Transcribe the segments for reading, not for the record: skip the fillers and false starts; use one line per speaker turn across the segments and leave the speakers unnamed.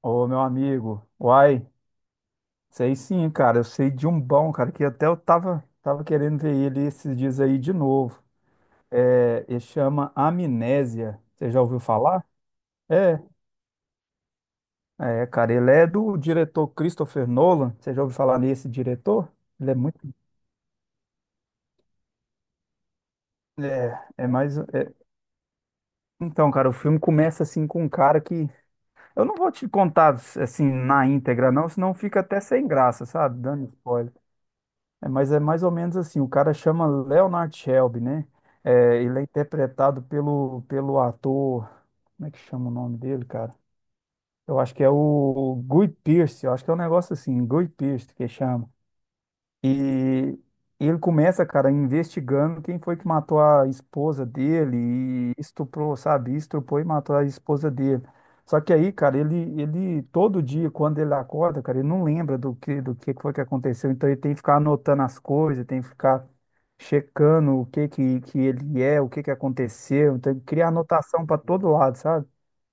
Ô, meu amigo, uai, sei sim, cara, eu sei de um bom, cara, que até eu tava querendo ver ele esses dias aí de novo. É, ele chama Amnésia, você já ouviu falar? É, é, cara, ele é do diretor Christopher Nolan, você já ouviu falar nesse diretor? Ele é muito, é, é mais, é- Então, cara, o filme começa assim com um cara que, eu não vou te contar assim na íntegra não, senão fica até sem graça, sabe, dando spoiler. É, mas é mais ou menos assim, o cara chama Leonard Shelby, né? É, ele é interpretado pelo ator, como é que chama o nome dele, cara? Eu acho que é o Guy Pearce, eu acho que é um negócio assim, Guy Pearce que chama. E, e ele começa, cara, investigando quem foi que matou a esposa dele e estuprou, sabe? Estuprou e matou a esposa dele. Só que aí, cara, ele todo dia, quando ele acorda, cara, ele não lembra do que foi que aconteceu. Então ele tem que ficar anotando as coisas, tem que ficar checando o que que aconteceu. Então ele cria anotação para todo lado, sabe?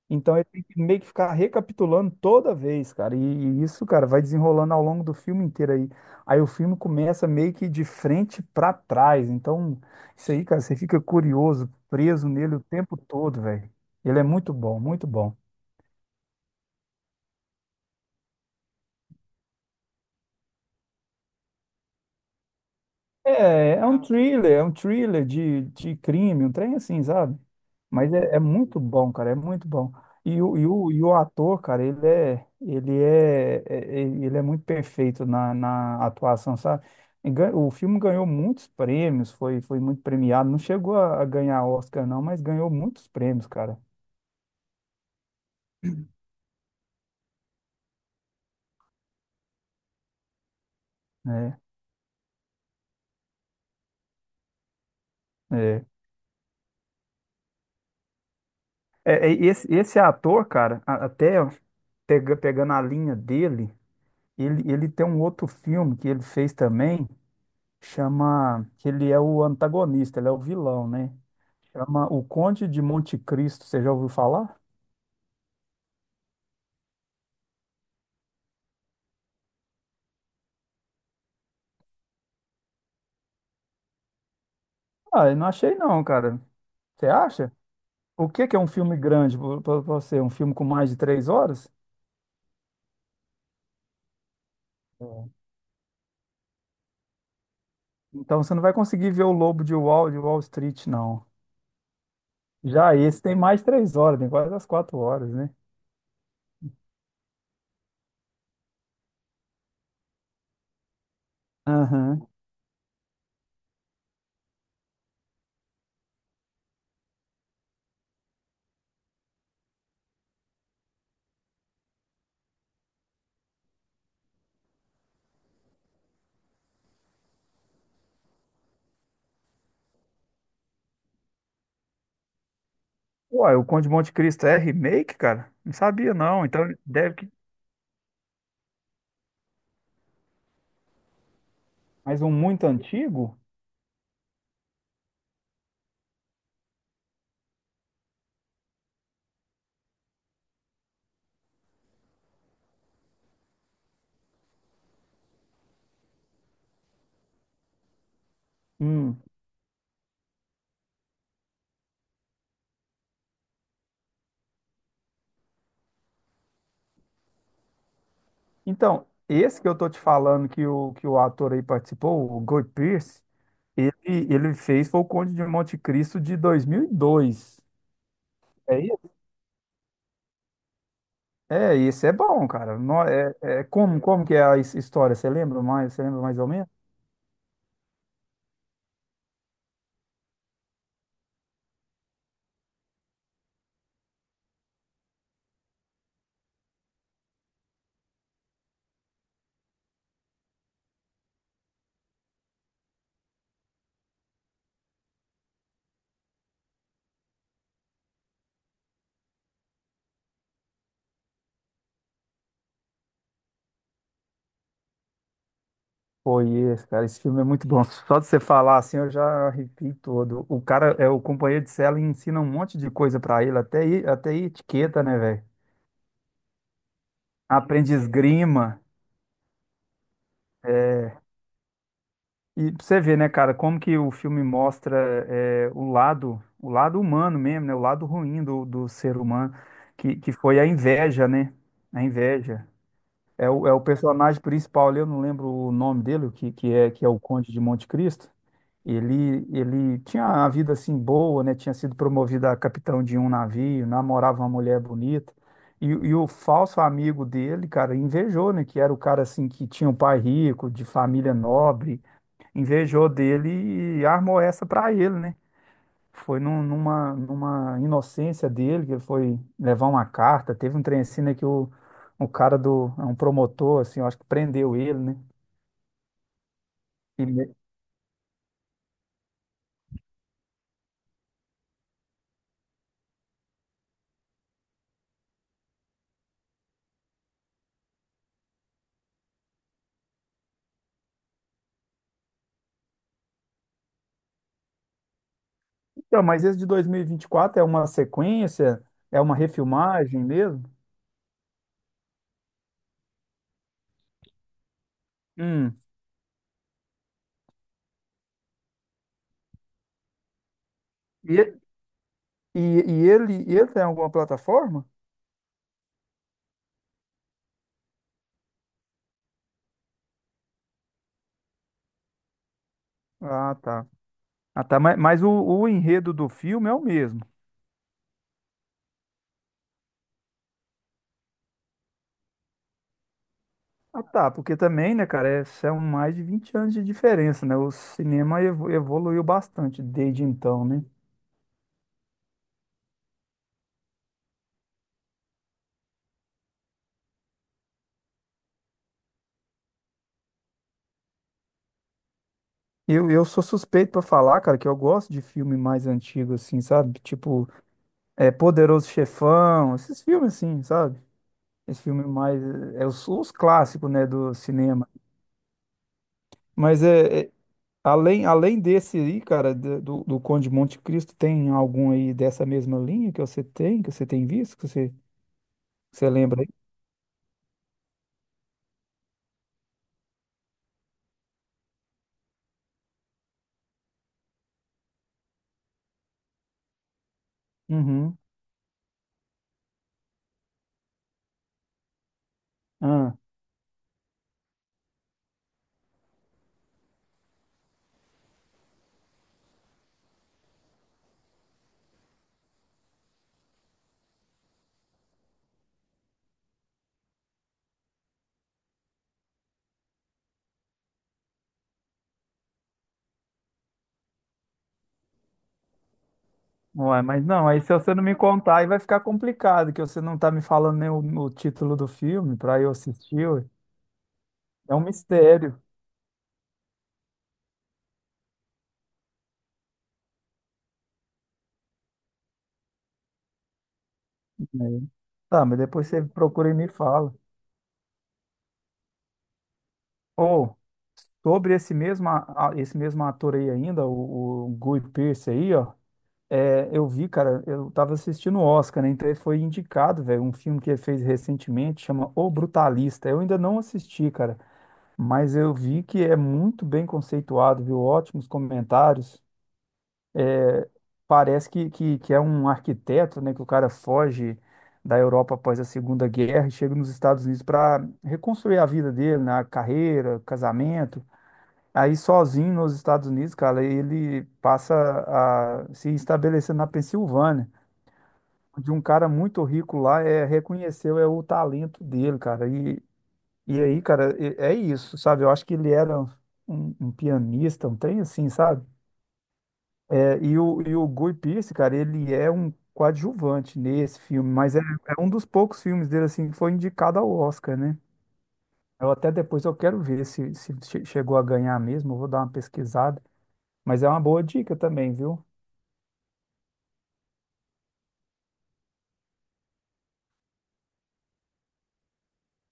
Então ele tem que meio que ficar recapitulando toda vez, cara. E isso, cara, vai desenrolando ao longo do filme inteiro aí. Aí o filme começa meio que de frente pra trás. Então, isso aí, cara, você fica curioso, preso nele o tempo todo, velho. Ele é muito bom, muito bom. É um thriller de crime, um trem assim, sabe? Mas é muito bom, cara, é muito bom. E o ator, cara, ele é muito perfeito na atuação, sabe? O filme ganhou muitos prêmios, foi muito premiado. Não chegou a ganhar Oscar, não, mas ganhou muitos prêmios, cara. É, é. É, esse ator, cara, até pegando a linha dele, ele tem um outro filme que ele fez também. Que ele é o antagonista, ele é o vilão, né? Chama O Conde de Monte Cristo, você já ouviu falar? Ah, eu não achei não, cara. Você acha? O que que é um filme grande para você? Um filme com mais de 3 horas? Hum. Então você não vai conseguir ver o Lobo de Wall Street, não. Já esse tem mais 3 horas, tem quase as 4 horas, né? Aham. Uai, o Conde de Monte Cristo é remake, cara? Não sabia, não. Então deve que. Mas um muito antigo? Hum. Então, esse que eu tô te falando que o ator aí participou, o Guy Pearce, ele, ele fez foi o Conde de Monte Cristo de 2002. É isso? É, esse é bom, cara. É, como que é a história? Você lembra mais? Você lembra mais ou menos? Foi esse, cara. Esse filme é muito bom. Só de você falar assim, eu já arrepio todo. O cara, é o companheiro de cela, e ensina um monte de coisa pra ele, até, até etiqueta, né, velho? Aprende esgrima. E pra você ver, né, cara, como que o filme mostra o lado humano mesmo, né, o lado ruim do ser humano, que foi a inveja, né, a inveja. É o personagem principal ali, eu não lembro o nome dele, o que, que é o Conde de Monte Cristo. Ele tinha a vida assim boa, né, tinha sido promovido a capitão de um navio, namorava uma mulher bonita. E o falso amigo dele, cara, invejou, né, que era o cara assim que tinha um pai rico, de família nobre invejou dele e armou essa pra ele, né? Foi numa inocência dele que ele foi levar uma carta. Teve um trem assim, né, que o cara é um promotor, assim, eu acho que prendeu ele, né? E me- Então, mas esse de 2024 é uma sequência? É uma refilmagem mesmo? Hum. E, e ele tem alguma plataforma? Ah, tá. Ah, tá. Mas o enredo do filme é o mesmo. Ah, tá, porque também, né, cara, são mais de 20 anos de diferença, né? O cinema evoluiu bastante desde então, né? Eu sou suspeito pra falar, cara, que eu gosto de filme mais antigo, assim, sabe? Tipo, Poderoso Chefão, esses filmes, assim, sabe? Esse filme mais. É os clássicos, né, do cinema. Mas é, além desse aí, cara, do Conde de Monte Cristo, tem algum aí dessa mesma linha que você tem visto, que você lembra aí? Uhum. Ah. Ué, mas não, aí se você não me contar, aí vai ficar complicado, que você não tá me falando nem o título do filme pra eu assistir, ué. É um mistério, né? Tá, mas depois você procura e me fala. Ou, sobre esse mesmo, esse mesmo ator aí ainda, o Guy Pearce aí, ó, eu vi, cara, eu tava assistindo o Oscar, né, então ele foi indicado, velho, um filme que ele fez recentemente, chama O Brutalista, eu ainda não assisti, cara, mas eu vi que é muito bem conceituado, viu, ótimos comentários, parece que é um arquiteto, né, que o cara foge da Europa após a Segunda Guerra e chega nos Estados Unidos para reconstruir a vida dele, né, a carreira, casamento. Aí sozinho nos Estados Unidos, cara, ele passa a se estabelecer na Pensilvânia, onde um cara muito rico lá reconheceu o talento dele, cara. E aí, cara, é isso, sabe? Eu acho que ele era um pianista, um trem assim, sabe? E o Guy Pearce, cara, ele é um coadjuvante nesse filme, mas é um dos poucos filmes dele, assim, que foi indicado ao Oscar, né? Eu até depois eu quero ver se chegou a ganhar mesmo, eu vou dar uma pesquisada, mas é uma boa dica também, viu?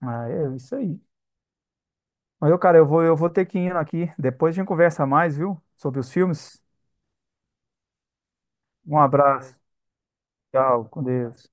Ah, é isso aí. Mas, cara, eu vou ter que ir aqui, depois a gente conversa mais, viu? Sobre os filmes. Um abraço, tchau, com Deus.